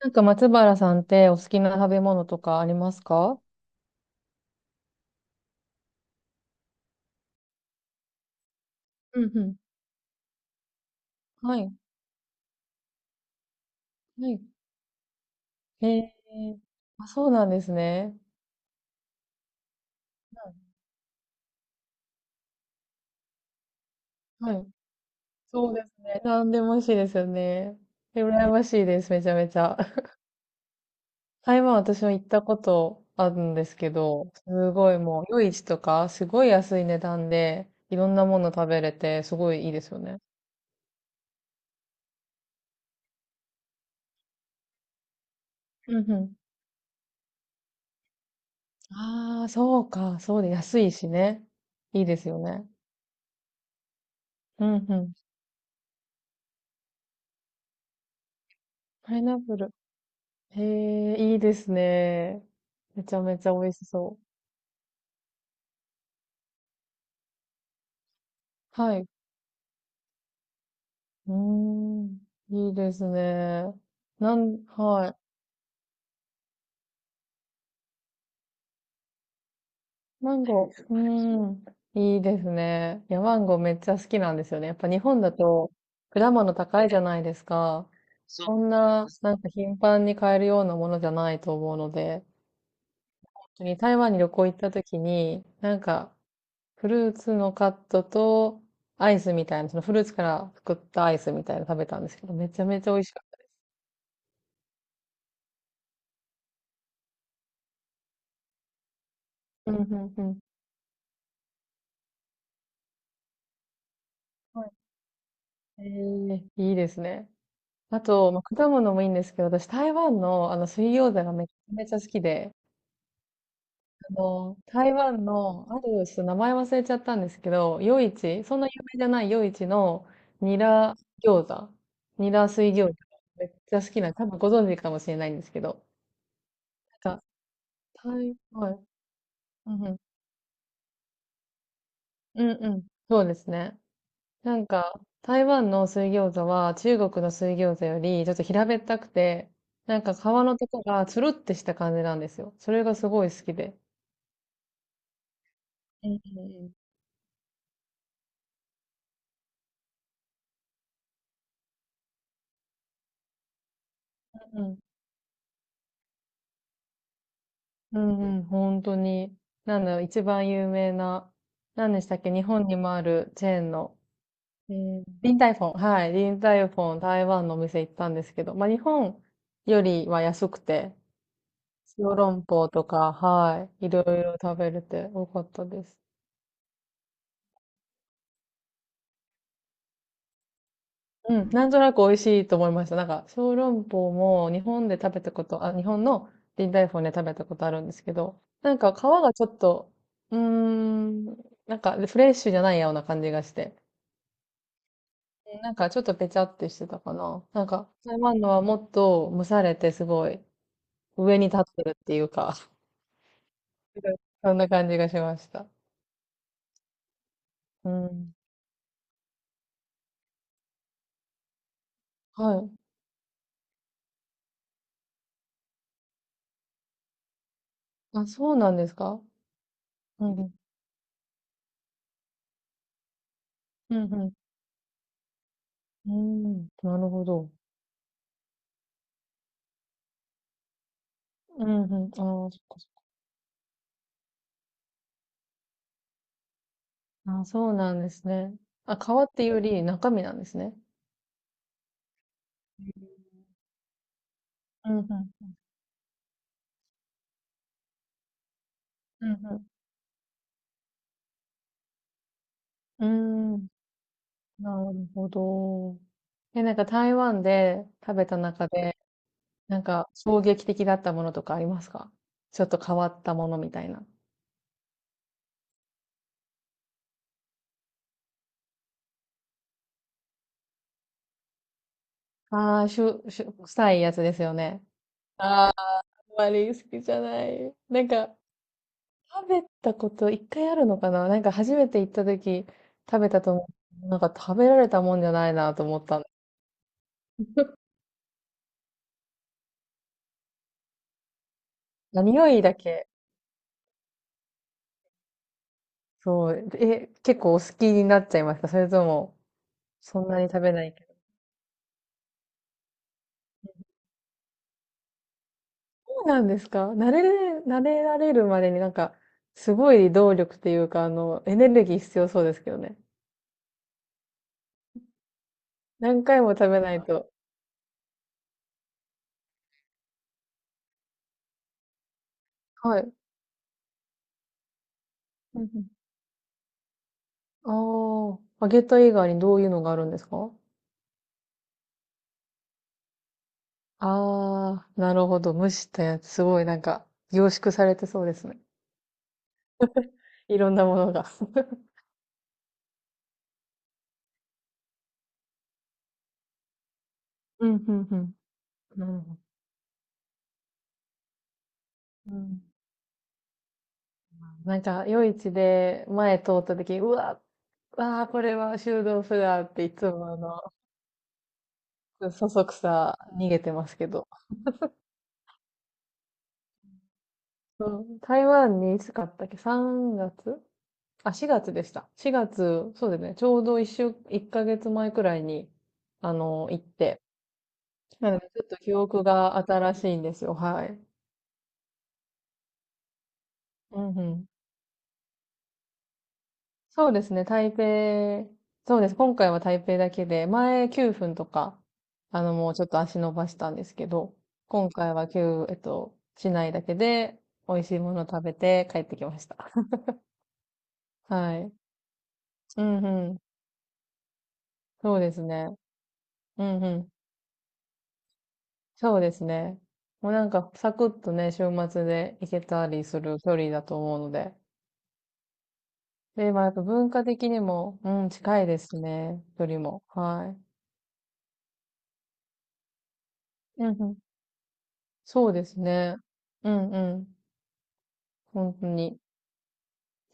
なんか松原さんってお好きな食べ物とかありますか？うんうん。はい。はい。へえ。あ、そうなんですね。うん。はい。そうですね。なんでも美味しいですよね。羨ましいです。めちゃめちゃ。台湾私も行ったことあるんですけど、すごいもう、夜市とか、すごい安い値段で、いろんなもの食べれて、すごいいいですよね。うんうん。ああ、そうか。そうで、安いしね。いいですよね。うんうん。パイナップル。へえ、いいですね。めちゃめちゃ美味しそう。はい。うーん。いいですね。はい。マンゴー。うーん。いいですね。いや、マンゴーめっちゃ好きなんですよね。やっぱ日本だと果物高いじゃないですか。そんな、なんか頻繁に買えるようなものじゃないと思うので、本当に台湾に旅行行った時に、なんかフルーツのカットと、アイスみたいな、そのフルーツから作ったアイスみたいなの食べたんですけど、めちゃめちゃ美味しかった。うん、うん、うん。はい。ええ、いいですね。あと、まあ、果物もいいんですけど、私台湾の、水餃子がめちゃめちゃ好きで、台湾の、ちょっと名前忘れちゃったんですけど、夜市、そんな有名じゃない夜市のニラ餃子、ニラ水餃子がめっちゃ好きな、多分ご存知かもしれないんですけど、なんか、台湾はい、うんうん。うんうん。そうですね。なんか、台湾の水餃子は中国の水餃子よりちょっと平べったくて、なんか皮のとこがつるってした感じなんですよ。それがすごい好きで。うんうんうん。うんうん、本当に。なんだろう、一番有名な、何でしたっけ、日本にもあるチェーンの、リンタイフォン。はい、リンタイフォン、台湾のお店行ったんですけど、まあ日本よりは安くて、小籠包とか、はい、いろいろ食べれてよかったです。うん、なんとなく美味しいと思いました。なんか、小籠包も日本で食べたこと、あ、日本の臨海フォンで食べたことあるんですけど、なんか皮がちょっと、うーん、なんかフレッシュじゃないような感じがして、うん、なんかちょっとぺちゃってしてたかな。なんか、台湾のはもっと蒸されてすごい上に立ってるっていうか、そんな感じがしました。うん。はい。あ、そうなんですか？うんうん。うんうん。うん。なるほど。うんうん。ああ、そっかそっか、あ、そうなんですね。あ、皮っていうより中身なんですね。うんうん。うんうん。うーん。なるほど。え、なんか台湾で食べた中で、なんか衝撃的だったものとかありますか？ちょっと変わったものみたいな。ああ、しゅ、しゅ、臭いやつですよね。ああ、あんまり好きじゃない。なんか、食べたこと一回あるのかな、なんか初めて行った時食べたと思う。なんか食べられたもんじゃないなと思ったの。あ、匂いだけ。そう。え、結構お好きになっちゃいました。それとも、そんなに食べないけど。そうなんですか？慣れられるまでになんか、すごい動力っていうか、エネルギー必要そうですけどね。何回も食べないと。はい。うんうん、ああ、揚げた以外にどういうのがあるんですか？ああー、なるほど。蒸したやつ、すごいなんか、凝縮されてそうですね。いろんなものが。うん、うん、うん。なるほど。うん、なんか、夜市で前通った時、うわ、ああ、これは修道士だっていつもそそくさ逃げてますけど。うん、台湾にいつ買ったっけ？ 3 月、あ、4月でした。4月、そうですね。ちょうど一ヶ月前くらいに、行って。なので、ちょっと記憶が新しいんですよ。はい。うんうん。そうですね、台北、そうです。今回は台北だけで、前9分とか、もうちょっと足伸ばしたんですけど、今回は9、市内だけで美味しいものを食べて帰ってきました。はい。うんうん。そうですね。うんうん。そうですね。もうなんかサクッとね、週末で行けたりする距離だと思うので。で、まあやっぱ文化的にも、うん、近いですね。距離も。はい。うんうん。そうですね。うんうん。本当に。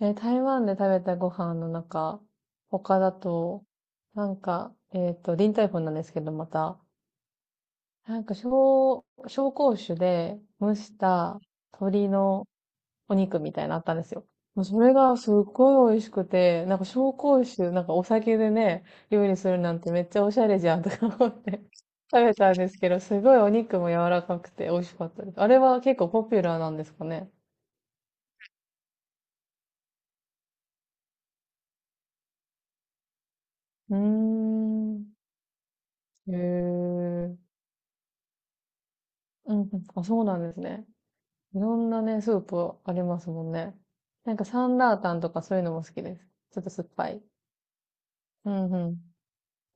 え、台湾で食べたご飯の中、他だと、なんか、リンタイフォ粉なんですけど、また、なんか、紹興酒で蒸した鶏のお肉みたいなのあったんですよ。もうそれがすっごい美味しくて、なんか紹興酒、なんかお酒でね、料理するなんてめっちゃおしゃれじゃんとか思って 食べたんですけど、すごいお肉も柔らかくて美味しかったです。あれは結構ポピュラーなんですかね。うーん。へえ。うんうん。あ、そうなんですね。いろんなね、スープありますもんね。なんかサンラータンとかそういうのも好きです。ちょっと酸っぱい。うんうん。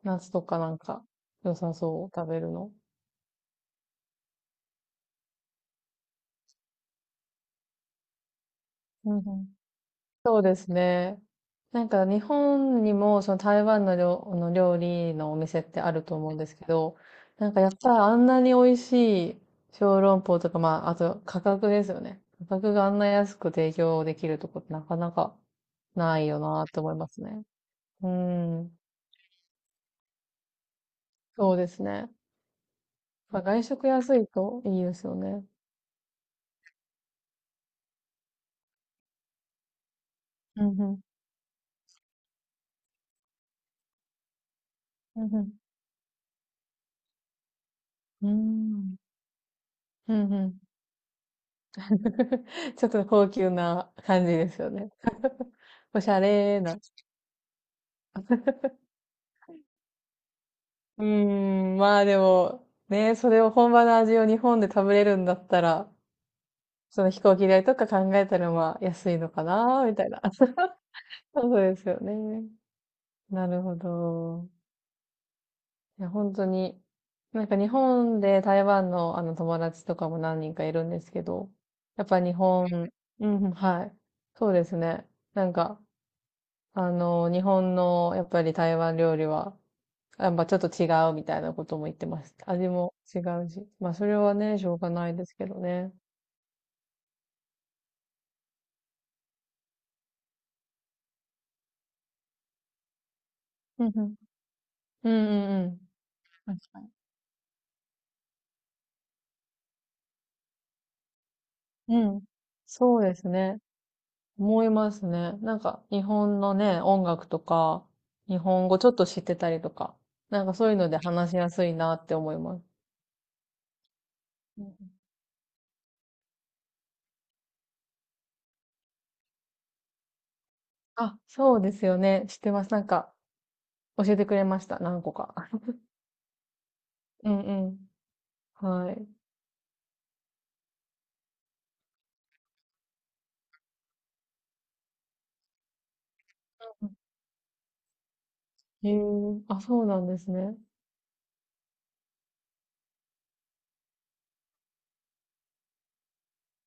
夏とかなんか良さそう、食べるの。うんうん。そうですね。なんか日本にもその台湾のあの料理のお店ってあると思うんですけど、なんかやっぱりあんなに美味しい小籠包とか、まあ、あと価格ですよね。価格があんな安く提供できるとこってなかなかないよなって思いますね。うーん、そうですね。まあ、外食安いといいですよね。うんうん、うんうん、うーん、うんうん。ちょっと高級な感じですよね。おしゃれな。うーん、まあでも、ね、それを本場の味を日本で食べれるんだったら、その飛行機代とか考えたらまあ安いのかな、みたいな。そうですよね。なるほど。いや、本当に。なんか日本で台湾のあの友達とかも何人かいるんですけど、やっぱ日本、うんうん、はい。そうですね。なんか、日本のやっぱり台湾料理は、やっぱちょっと違うみたいなことも言ってました。味も違うし。まあそれはね、しょうがないですけどね。うんうん。うんうんうん。確かに。うん。そうですね。思いますね。なんか、日本のね、音楽とか、日本語ちょっと知ってたりとか、なんかそういうので話しやすいなって思います。うん、あ、そうですよね。知ってます。なんか、教えてくれました。何個か。うんうん。はい。へえ、あ、そうなんですね。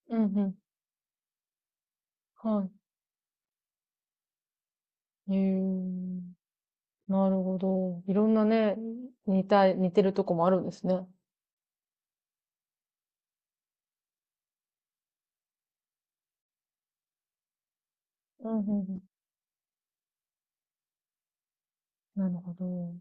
うんうん。はい。へえ、なるほど。いろんなね、似てるとこもあるんですね。うんうんうん。なるほど。